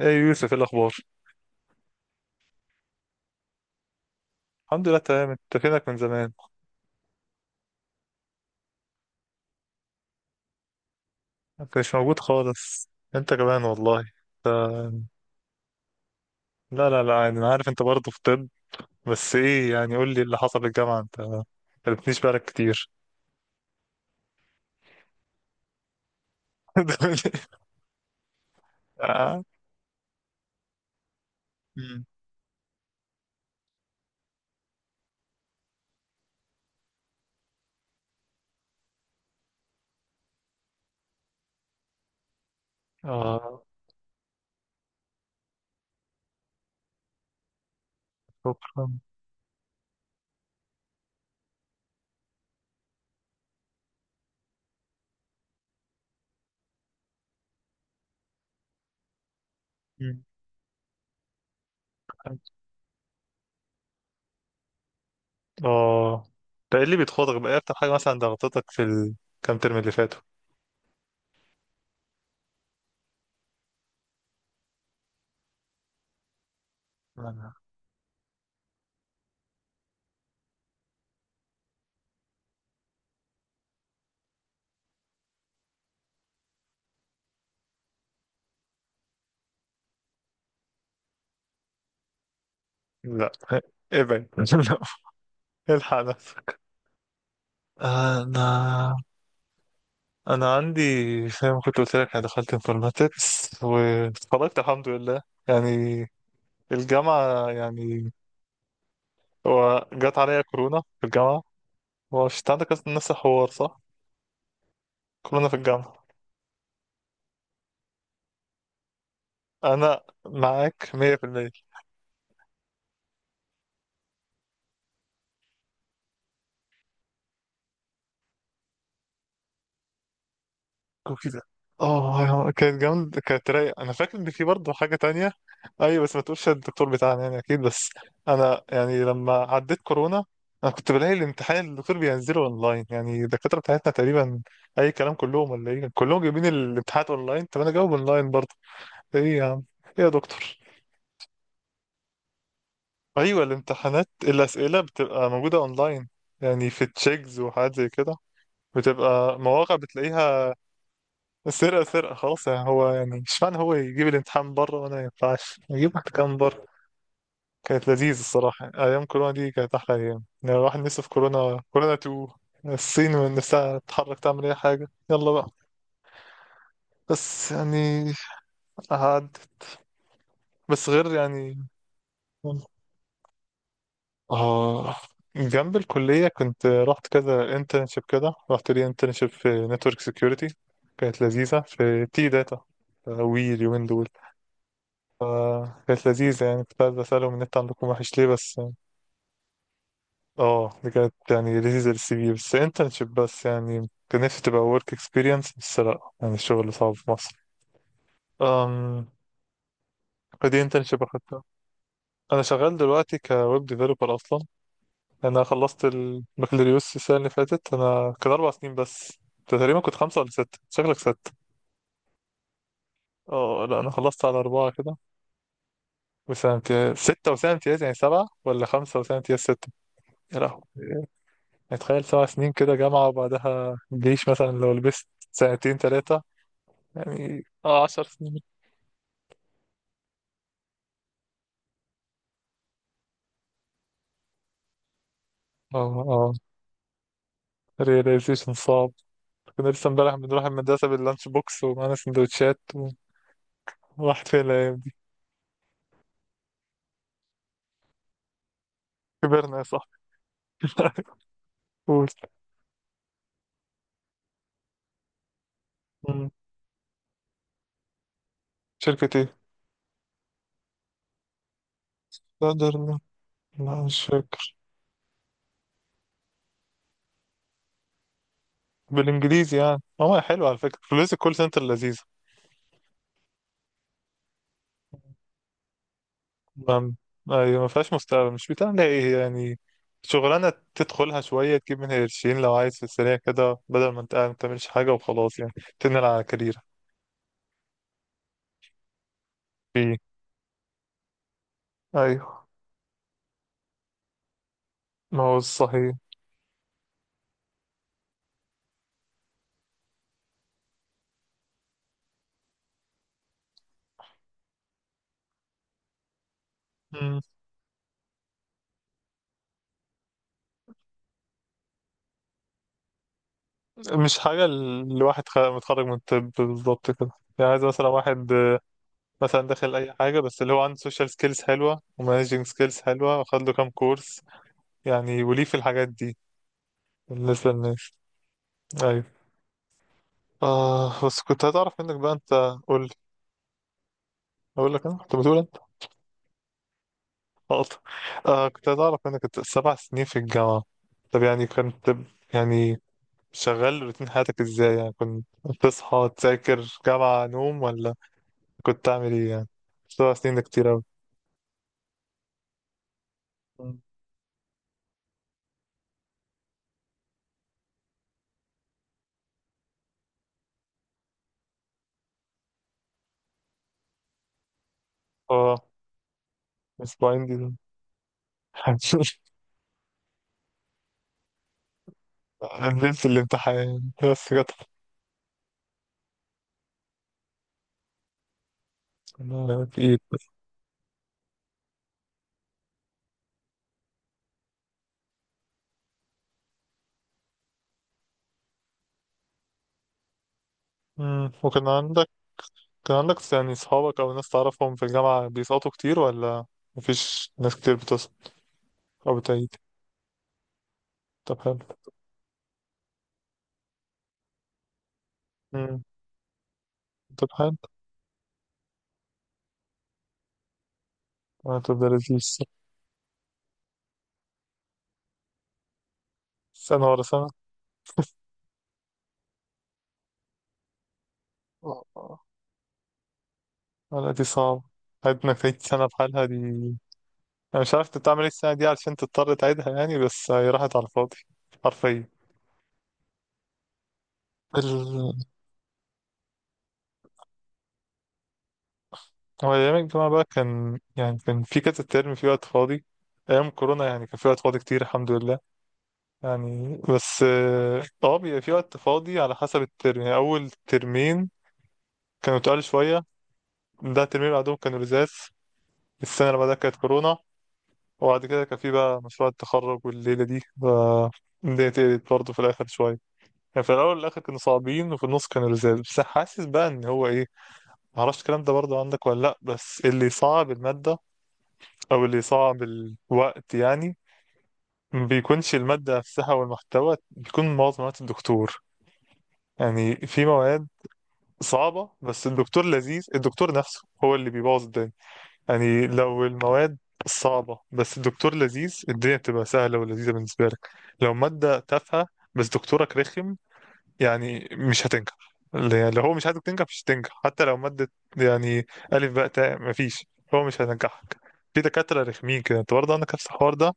ايه يوسف، ايه الاخبار؟ الحمد لله، تمام. انت فينك من زمان؟ ما كنتش موجود خالص. انت كمان والله. ف... لا لا لا، يعني انا عارف انت برضه في طب. بس ايه يعني، قول لي اللي حصل في الجامعه، انت ما قلتليش بقالك كتير. اه. مم. آه، شكرا. مم. اه. ده ايه اللي بيتخوضك بقى، إيه اكتر حاجه مثلا ضغطتك في الكام ترم اللي فاتوا؟ لا لا. ابعد. لا. الحق نفسك. انا انا عندي، فاهم، كنت قلت لك انا دخلت انفورماتكس واتخرجت الحمد لله، يعني الجامعه يعني. هو جت عليا كورونا في الجامعه. هو مش انت عندك أصلاً نفس الحوار؟ صح، كورونا في الجامعه. انا معاك. 100%. وكده. اه، كانت جامد، كانت رايقة. انا فاكر ان في برضه حاجة تانية. ايوه بس ما تقولش الدكتور بتاعنا يعني، اكيد. بس انا يعني لما عديت كورونا، انا كنت بلاقي الامتحان الدكتور بينزله اونلاين، يعني الدكاترة بتاعتنا تقريبا اي كلام. كلهم، ولا ايه؟ كلهم جايبين الامتحانات اونلاين، طب انا جاوب اونلاين برضه. ايه يا عم، ايه يا دكتور؟ ايوه، الامتحانات الاسئلة بتبقى موجودة اونلاين، يعني في تشيكز وحاجات زي كده، بتبقى مواقع بتلاقيها. سرقة سرقة خلاص يعني. هو يعني اشمعنى هو يجيب الامتحان بره، وانا ما ينفعش يجيب واحد كان بره؟ كانت لذيذ الصراحة يعني، ايام كورونا دي كانت احلى ايام. يعني الواحد نفسه في كورونا كورونا 2، الصين من نفسها تتحرك تعمل اي حاجة، يلا بقى. بس يعني عدت. بس غير يعني، اه، جنب الكلية كنت رحت كذا انترنشيب كده. رحت لي انترنشيب في نتورك سيكيورتي، كانت لذيذة، في تي داتا وي اليومين دول. كانت لذيذة يعني، كنت عايز أسألهم النت عندكم وحش ليه، بس يعني. اه، دي كانت يعني لذيذة للسي في، بس انترنشيب بس، يعني كان نفسي تبقى ورك اكسبيرينس، بس لأ يعني الشغل صعب في مصر. أم فدي انترنشيب أخدتها. أنا شغال دلوقتي كويب ديفلوبر أصلا. أنا خلصت البكالوريوس السنة اللي فاتت. أنا كان أربع سنين بس، أنت تقريبا كنت خمسة ولا ستة، شكلك ستة. اه لأ، أنا خلصت على أربعة كده. وسنة امتياز، ستة وسنة امتياز، يعني سبعة، ولا خمسة وسنة امتياز ستة. يا لهوي. اتخيل سبع سنين كده جامعة، وبعدها جيش مثلا لو لبست سنتين تلاتة، يعني اه عشر سنين. اه اه، رياليزيشن صعب. كنا لسه امبارح بنروح المدرسة باللانش بوكس ومعانا سندوتشات وراحت فين الأيام دي. كبرنا يا صاحبي. قول. مم. شركة ايه؟ لا ده- لا، مش فاكر. بالانجليزي يعني، ماما حلوة على فكرة فلوس الكول سنتر لذيذة. ما أيوة، ما فيهاش مستقبل، مش بتعمل ايه يعني. شغلانة تدخلها شوية، تجيب منها قرشين لو عايز في السريع كده، بدل ما انت قاعد ما بتعملش حاجة وخلاص يعني. تنقل على كارير. في ايوه. ما هو صحيح. مم. مش حاجة الواحد خ- متخرج من الطب بالظبط كده. يعني عايز مثلا واحد آه، مثلا داخل أي حاجة، بس اللي هو عنده سوشيال سكيلز حلوة ومانجينج سكيلز حلوة، واخد له كام كورس يعني وليه في الحاجات دي. بالنسبة للناس. أيوة. آه بس كنت هتعرف منك بقى أنت. قول. اقول لك، انا كنت بتقول انت غلط. آه، كنت عايز اعرف، انا كنت سبع سنين في الجامعه. طب يعني كنت يعني شغال روتين حياتك ازاي؟ يعني كنت بتصحى تذاكر جامعه نوم، ولا كنت تعمل ايه يعني؟ سبع سنين ده كتير اوي. مم. اه، اسبوعين دي. نزلت الامتحان بس جت في ايد. مم. وكان عندك كان عندك يعني صحابك او ناس تعرفهم في الجامعة بيسقطوا كتير، ولا مفيش ناس كتير بتسقط او بتعيد؟ طب حلو. مم. طب حلو، هتبقى لذيذ الصراحة. سنة ورا سنة. آه، آه. لا دي صعبة حياتي، انك تعيد سنة بحالها دي. انا مش عارف انت بتعمل ايه السنة دي علشان تضطر تعيدها، يعني بس هي راحت على الفاضي حرفيا. ال... هو أيام الجامعة بقى كان يعني كان في كذا ترم في وقت فاضي. أيام كورونا يعني كان في وقت فاضي كتير الحمد لله يعني. بس اه آه، بيبقى في وقت فاضي على حسب الترم. يعني أول ترمين كانوا تقال شوية. ده الترمين اللي بعدهم كانوا رزاز. السنة اللي بعدها كانت كورونا. وبعد كده كان في بقى مشروع التخرج والليلة دي، ف الدنيا تقلت برضه في الآخر شوية. يعني في الأول والآخر كانوا صعبين، وفي النص كانوا لذاذ. بس حاسس بقى إن هو إيه، معرفش الكلام ده برضه عندك ولا لأ، بس اللي صعب المادة أو اللي صعب الوقت يعني. ما بيكونش المادة نفسها والمحتوى، بيكون معظم وقت الدكتور. يعني في مواد صعبة بس الدكتور لذيذ، الدكتور نفسه هو اللي بيبوظ الدنيا. يعني لو المواد صعبة بس الدكتور لذيذ، الدنيا بتبقى سهلة ولذيذة بالنسبة لك. لو مادة تافهة بس دكتورك رخم، يعني مش هتنجح. اللي هو مش عايزك تنجح مش هتنجح، حتى لو مادة يعني ألف باء تاء، مفيش، هو مش هينجحك. في دكاترة رخمين كده، انت برضه عندك نفس الحوار ده؟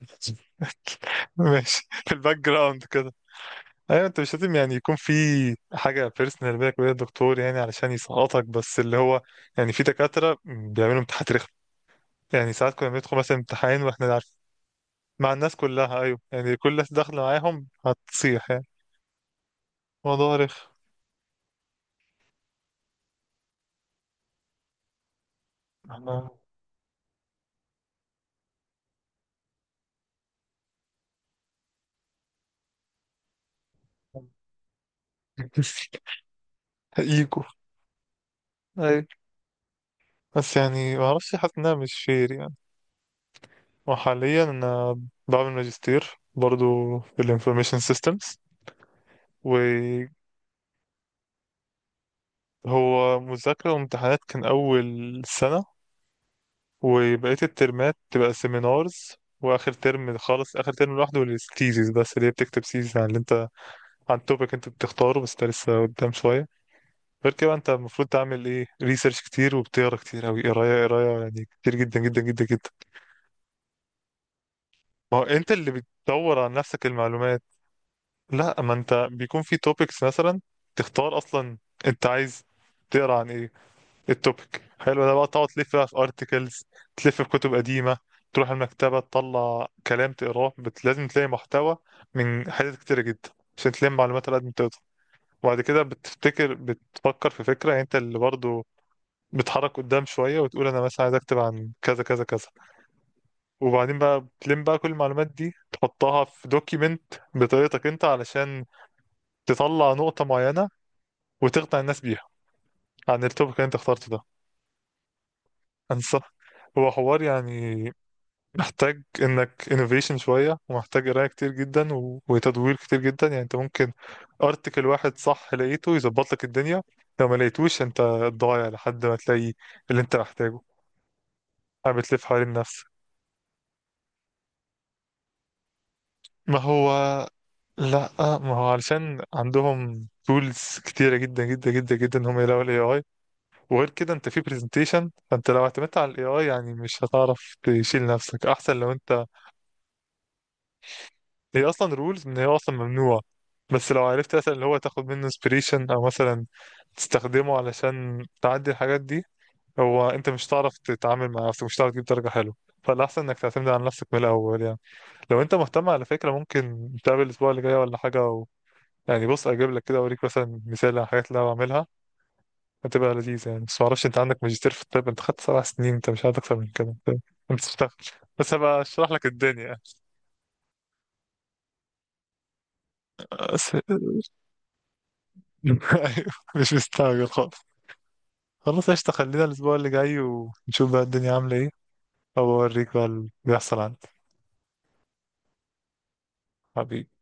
ماشي. في الباك جراوند كده. ايوه، انت مش لازم يعني يكون في حاجه بيرسونال بينك وبين الدكتور يعني علشان يسقطك، بس اللي هو يعني في دكاتره بيعملوا امتحانات، يعني ساعات كنا بندخل مثلا امتحان واحنا عارف. مع الناس كلها ايوه، يعني كل الناس داخله معاهم هتصيح يعني. موضوع رخم. احنا. ايجو. ايوه. بس يعني ما اعرفش، حاسس انها مش فير يعني. وحاليا انا بعمل ماجستير برضو في الانفورميشن سيستمز. وهو مذاكره وامتحانات كان اول سنه، وبقيه الترمات تبقى سيمينارز. واخر ترم خالص، اخر ترم لوحده للثيسيس، بس اللي هي بتكتب سيزيس عن اللي انت، عن التوبيك انت بتختاره، بس ده لسه قدام شوية. غير كده بقى انت المفروض تعمل ايه، ريسيرش كتير، وبتقرا كتير اوي، قراية قراية يعني كتير جدا جدا جدا جدا. ما هو انت اللي بتدور عن نفسك المعلومات. لا، ما انت بيكون في توبيكس مثلا تختار اصلا انت عايز تقرا عن ايه. التوبيك حلو ده بقى، تقعد تلف بقى في ارتكلز، تلف في كتب قديمة، تروح المكتبة تطلع كلام تقراه، لازم تلاقي محتوى من حاجات كتيرة جدا عشان تلم معلومات على قد ما تقدر. وبعد كده بتفكر في فكرة، يعني انت اللي برضو بتحرك قدام شوية وتقول انا مثلا عايز اكتب عن كذا كذا كذا. وبعدين بقى بتلم بقى كل المعلومات دي تحطها في دوكيمنت بطريقتك انت، علشان تطلع نقطة معينة وتقنع الناس بيها عن التوبيك اللي انت اخترته ده. انصح. هو حوار يعني محتاج انك انوفيشن شويه، ومحتاج قرايه كتير جدا وتدوير كتير جدا. يعني انت ممكن ارتكل واحد صح لقيته يظبط لك الدنيا، لو ما لقيتوش انت ضايع لحد ما تلاقي اللي انت محتاجه. قاعد بتلف حوالين نفسك. ما هو لا، ما هو علشان عندهم تولز كتيره جدا جدا جدا جدا ان هم يلاقوا الاي اي. وغير كده انت في برزنتيشن، فانت لو اعتمدت على الاي اي يعني مش هتعرف تشيل نفسك، احسن لو انت. هي اصلا رولز، ان هي اصلا ممنوعه. بس لو عرفت مثلا اللي هو تاخد منه inspiration، او مثلا تستخدمه علشان تعدي الحاجات دي، هو انت مش هتعرف تتعامل مع نفسك، مش هتعرف تجيب درجه حلوه. فالاحسن انك تعتمد على نفسك من الاول يعني. لو انت مهتم على فكره، ممكن نتقابل الاسبوع اللي جاي ولا حاجه يعني بص اجيب لك كده اوريك مثلا مثال على الحاجات اللي انا بعملها. هتبقى لذيذه يعني. بس معرفش انت، عندك ماجستير في الطب، انت خدت سبع سنين، انت مش عايز اكتر من كده انت؟ أنت بتشتغل. بس هبقى اشرح لك الدنيا. بس. أيوه، مش مستعجل خالص. خلاص قشطة، خلينا الأسبوع اللي جاي ونشوف بقى الدنيا عاملة ايه، أو أوريك بقى اللي بيحصل عندي. حبيبي.